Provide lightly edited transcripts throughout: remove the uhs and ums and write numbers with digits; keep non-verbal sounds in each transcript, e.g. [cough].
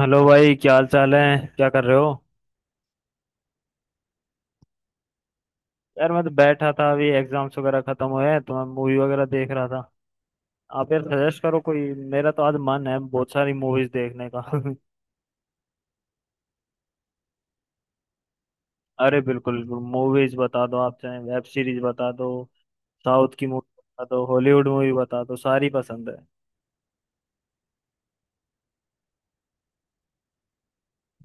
Hello भाई, क्या हाल चाल है? क्या कर रहे हो? यार मैं तो बैठा था। अभी एग्जाम्स वगैरह खत्म हुए हैं तो मैं मूवी वगैरह देख रहा था। आप यार सजेस्ट करो कोई। मेरा तो आज मन है बहुत सारी मूवीज देखने का। [laughs] अरे बिल्कुल, मूवीज बता दो, आप चाहे वेब सीरीज बता दो, साउथ की मूवी बता दो, हॉलीवुड मूवी बता दो, सारी पसंद है।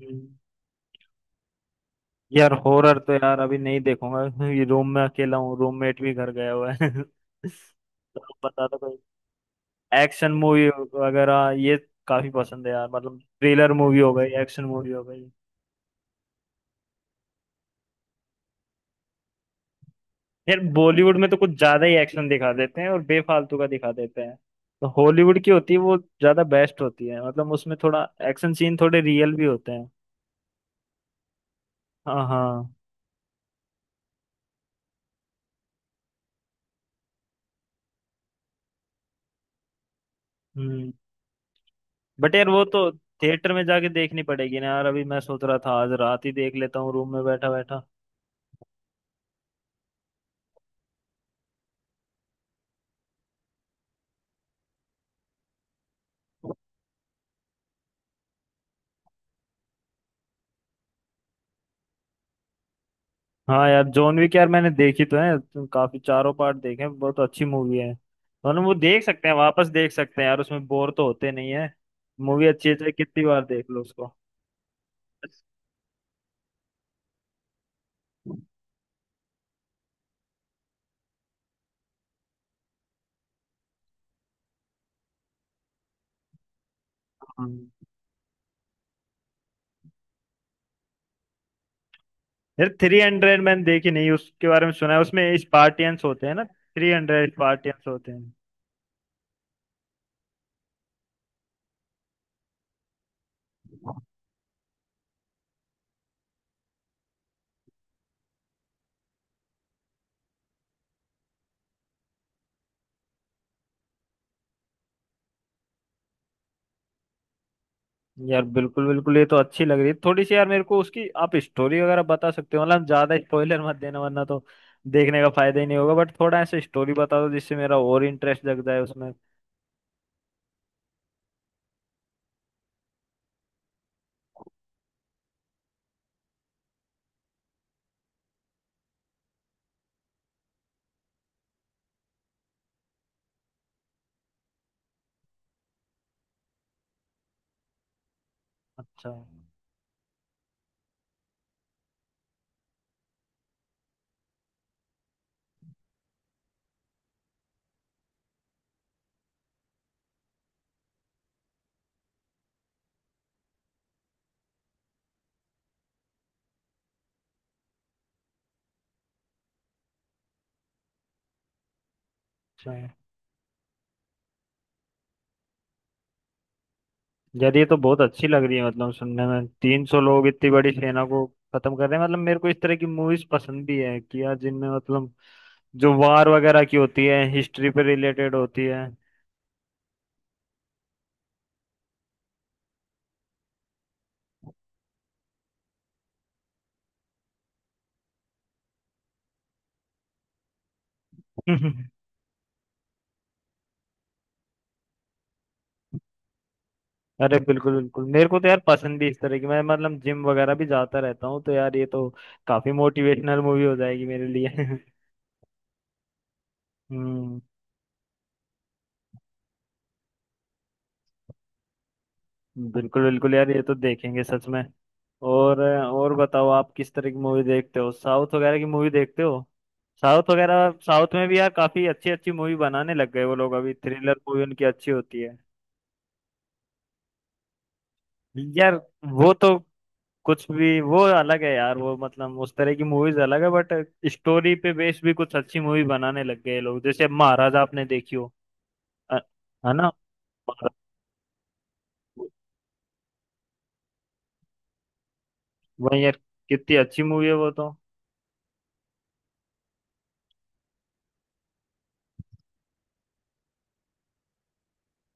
हम्म। यार हॉरर तो यार अभी नहीं देखूंगा। [laughs] ये रूम में अकेला हूँ, रूममेट भी घर गया हुआ है। [laughs] तो आप बता दो, एक्शन मूवी वगैरह ये काफी पसंद है यार। मतलब थ्रिलर मूवी हो गई, एक्शन मूवी हो गई। यार बॉलीवुड में तो कुछ ज्यादा ही एक्शन दिखा देते हैं, और बेफालतू का दिखा देते हैं। तो हॉलीवुड की होती है वो ज्यादा बेस्ट होती है, मतलब उसमें थोड़ा एक्शन सीन थोड़े रियल भी होते हैं। हाँ हाँ। हम्म। बट यार वो तो थिएटर में जाके देखनी पड़ेगी ना यार। अभी मैं सोच रहा था आज रात ही देख लेता हूँ रूम में बैठा बैठा। हाँ यार जॉन विक, यार मैंने देखी तो है, तो काफी चारों पार्ट देखे हैं, बहुत अच्छी मूवी है। मतलब वो देख सकते हैं, वापस देख सकते हैं यार, उसमें बोर तो होते नहीं है। मूवी अच्छी है चाहे कितनी बार देख लो उसको। हाँ। यार 300 मैंने देखी नहीं, उसके बारे में सुना है। उसमें स्पार्टियंस होते हैं ना, 300 स्पार्टियंस होते हैं। यार बिल्कुल बिल्कुल, ये तो अच्छी लग रही है थोड़ी सी। यार मेरे को उसकी आप स्टोरी वगैरह बता सकते हो, मतलब ज्यादा स्पॉइलर मत देना, वरना तो देखने का फायदा ही नहीं होगा। बट थोड़ा ऐसे स्टोरी बता दो जिससे मेरा और इंटरेस्ट जग जाए उसमें। अच्छा। अच्छा। यार ये तो बहुत अच्छी लग रही है, मतलब सुनने में 300 लोग इतनी बड़ी सेना को खत्म कर रहे हैं। मतलब मेरे को इस तरह की मूवीज पसंद भी है, कि यार जिनमें मतलब जो वार वगैरह की होती है, हिस्ट्री पे रिलेटेड होती है। [laughs] अरे बिल्कुल बिल्कुल, मेरे को तो यार पसंद भी इस तरह की। मैं मतलब जिम वगैरह भी जाता रहता हूँ, तो यार ये तो काफी मोटिवेशनल मूवी हो जाएगी मेरे लिए। [laughs] हम्म। बिल्कुल बिल्कुल यार, ये तो देखेंगे सच में। और बताओ, आप किस तरह की मूवी देखते हो? साउथ वगैरह की मूवी देखते हो? साउथ वगैरह, साउथ में भी यार काफी अच्छी अच्छी मूवी बनाने लग गए वो लोग। अभी थ्रिलर मूवी उनकी अच्छी होती है। यार वो तो कुछ भी, वो अलग है यार। वो मतलब उस तरह की मूवीज अलग है, बट स्टोरी पे बेस भी कुछ अच्छी मूवी बनाने लग गए लोग, जैसे महाराजा आपने देखी हो? अ- है ना? महाराज- वही यार, कितनी अच्छी मूवी है वो तो।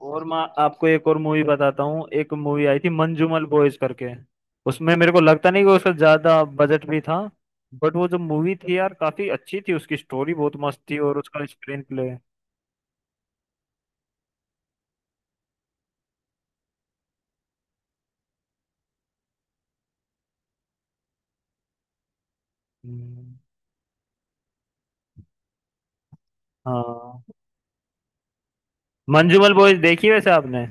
और मैं आपको एक और मूवी बताता हूँ। एक मूवी आई थी मंजूमल बॉयज करके। उसमें मेरे को लगता नहीं कि उसका ज्यादा बजट भी था, बट वो जो मूवी थी यार काफी अच्छी थी, उसकी स्टोरी बहुत मस्त थी और उसका स्क्रीन प्ले। हाँ, मंजूमल बॉयज देखी वैसे आपने?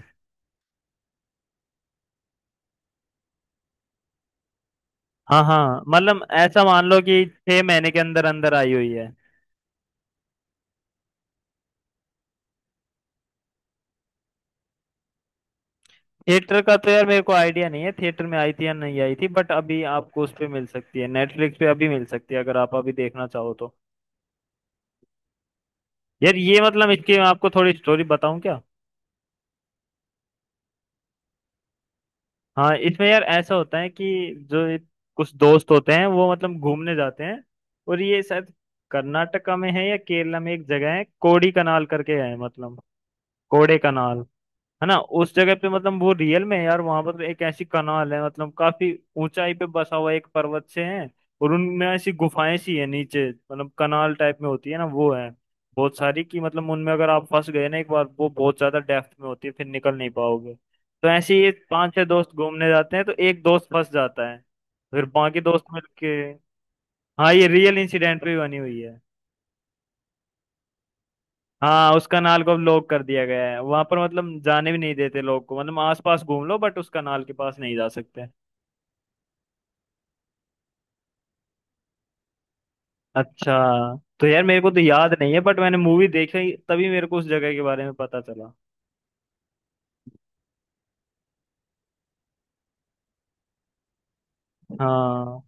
हाँ हाँ, मतलब ऐसा मान लो कि 6 महीने के अंदर अंदर आई हुई है। थिएटर का तो यार मेरे को आइडिया नहीं है, थिएटर में आई थी या नहीं आई थी, बट अभी आपको उस पे मिल सकती है, नेटफ्लिक्स पे अभी मिल सकती है अगर आप अभी देखना चाहो तो। यार ये, मतलब इसकी मैं आपको थोड़ी स्टोरी बताऊं क्या? हाँ, इसमें यार ऐसा होता है कि जो ये कुछ दोस्त होते हैं वो मतलब घूमने जाते हैं, और ये शायद कर्नाटका में है या केरला में, एक जगह है कोड़ी कनाल करके है, मतलब कोड़े कनाल। है ना? उस जगह पे, मतलब वो रियल में है यार। वहां पर एक ऐसी कनाल है, मतलब काफी ऊंचाई पे बसा हुआ एक पर्वत से है, और उनमें ऐसी गुफाएं सी है नीचे, मतलब कनाल टाइप में होती है ना वो, है बहुत सारी की। मतलब उनमें अगर आप फंस गए ना एक बार, वो बहुत ज्यादा डेप्थ में होती है, फिर निकल नहीं पाओगे। तो ऐसे ही 5-6 दोस्त घूमने जाते हैं तो एक दोस्त फंस जाता है। फिर बाकी दोस्त मिलके। हाँ, ये रियल इंसिडेंट पे बनी हुई है। हाँ, उस कनाल को अब लॉक कर दिया गया है। वहां पर मतलब जाने भी नहीं देते लोग को, मतलब आसपास घूम लो बट उस कनाल के पास नहीं जा सकते। अच्छा। तो यार मेरे को तो याद नहीं है, बट मैंने मूवी देखी तभी मेरे को उस जगह के बारे में पता चला। हाँ।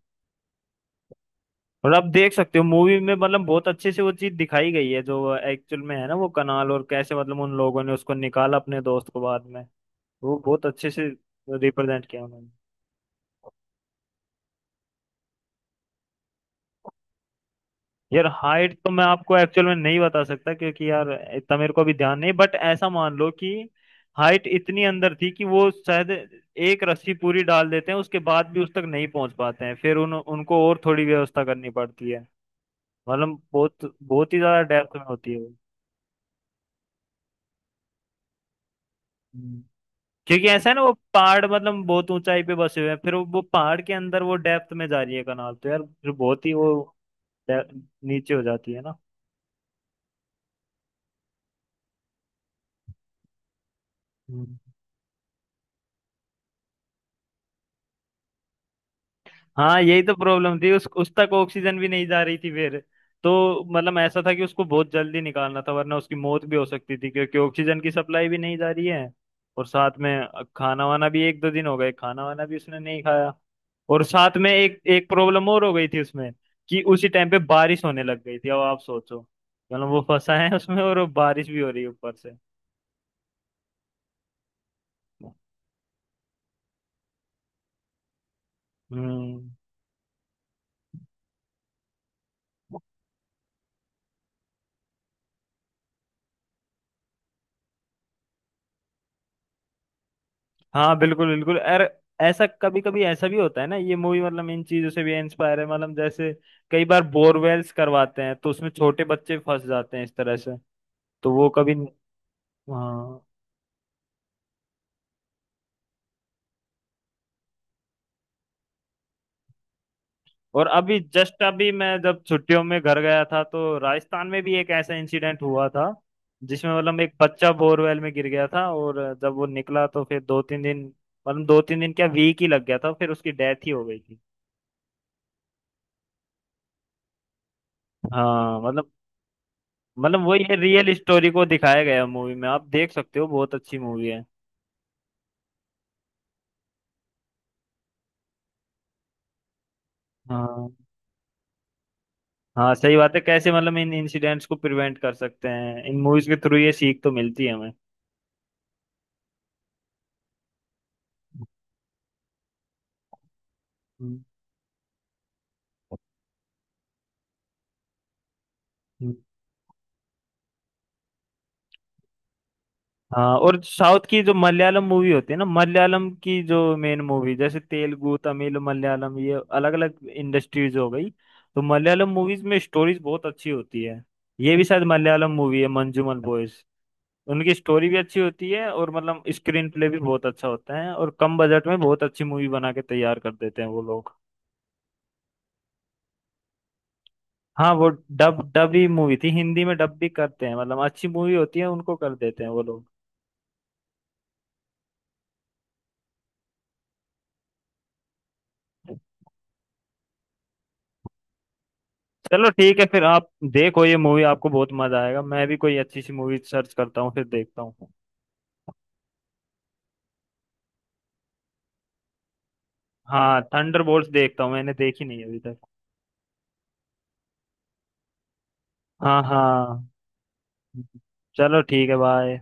और आप देख सकते हो मूवी में, मतलब बहुत अच्छे से वो चीज दिखाई गई है जो एक्चुअल में है ना, वो कनाल, और कैसे मतलब उन लोगों ने उसको निकाला अपने दोस्त को बाद में, वो बहुत अच्छे से रिप्रेजेंट किया उन्होंने। यार हाइट तो मैं आपको एक्चुअल में नहीं बता सकता क्योंकि यार इतना मेरे को अभी ध्यान नहीं। बट ऐसा मान लो कि हाइट इतनी अंदर थी कि वो शायद एक रस्सी पूरी डाल देते हैं उसके बाद भी उस तक नहीं पहुंच पाते हैं, फिर उन उनको और थोड़ी व्यवस्था करनी पड़ती है। मतलब बहुत बहुत ही ज्यादा डेप्थ में होती है वो। हम्म। क्योंकि ऐसा है ना, वो पहाड़ मतलब बहुत ऊंचाई पे बसे हुए हैं, फिर वो पहाड़ के अंदर वो डेप्थ में जा रही है कनाल, तो यार फिर बहुत ही वो डे- नीचे हो जाती है ना। हाँ, यही तो प्रॉब्लम थी, उस तक ऑक्सीजन भी नहीं जा रही थी फिर। तो मतलब ऐसा था कि उसको बहुत जल्दी निकालना था, वरना उसकी मौत भी हो सकती थी, क्योंकि ऑक्सीजन की सप्लाई भी नहीं जा रही है। और साथ में खाना वाना भी, 1-2 दिन हो गए खाना वाना भी उसने नहीं खाया। और साथ में एक एक प्रॉब्लम और हो गई थी उसमें, कि उसी टाइम पे बारिश होने लग गई थी। अब आप सोचो, मतलब वो फंसा है उसमें और वो बारिश भी हो रही है ऊपर से। हम्म। हाँ बिल्कुल बिल्कुल। अरे ऐसा कभी कभी ऐसा भी होता है ना, ये मूवी मतलब इन चीजों से भी इंस्पायर है, मतलब जैसे कई बार बोरवेल्स करवाते हैं तो उसमें छोटे बच्चे फंस जाते हैं इस तरह से, तो वो कभी। हाँ, और अभी जस्ट अभी मैं जब छुट्टियों में घर गया था तो राजस्थान में भी एक ऐसा इंसिडेंट हुआ था, जिसमें मतलब एक बच्चा बोरवेल में गिर गया था, और जब वो निकला तो फिर 2-3 दिन, मतलब 2-3 दिन क्या वीक ही लग गया था, फिर उसकी डेथ ही हो गई थी। हाँ मतलब, मतलब वही है, रियल स्टोरी को दिखाया गया मूवी में। आप देख सकते हो, बहुत अच्छी मूवी है। हाँ हाँ सही बात है, कैसे मतलब इन इंसिडेंट्स को प्रिवेंट कर सकते हैं, इन मूवीज के थ्रू ये सीख तो मिलती है हमें। हम्म, हम्म। हाँ, और साउथ की जो मलयालम मूवी होती है ना, मलयालम की जो मेन मूवी, जैसे तेलुगु तमिल मलयालम ये अलग अलग इंडस्ट्रीज हो गई, तो मलयालम मूवीज में स्टोरीज बहुत अच्छी होती है। ये भी शायद मलयालम मूवी है मंजूमल बॉयज। उनकी स्टोरी भी अच्छी होती है और मतलब स्क्रीन प्ले भी बहुत अच्छा होता है, और कम बजट में बहुत अच्छी मूवी बना के तैयार कर देते हैं वो लोग। हाँ वो डब, डब ही मूवी थी। हिंदी में डब भी करते हैं, मतलब अच्छी मूवी होती है उनको कर देते हैं वो लोग। चलो ठीक है, फिर आप देखो ये मूवी, आपको बहुत मजा आएगा। मैं भी कोई अच्छी सी मूवी सर्च करता हूँ फिर देखता हूँ। हाँ थंडरबोल्ट्स देखता हूँ, मैंने देखी नहीं अभी तक। हाँ हाँ। चलो ठीक है, बाय।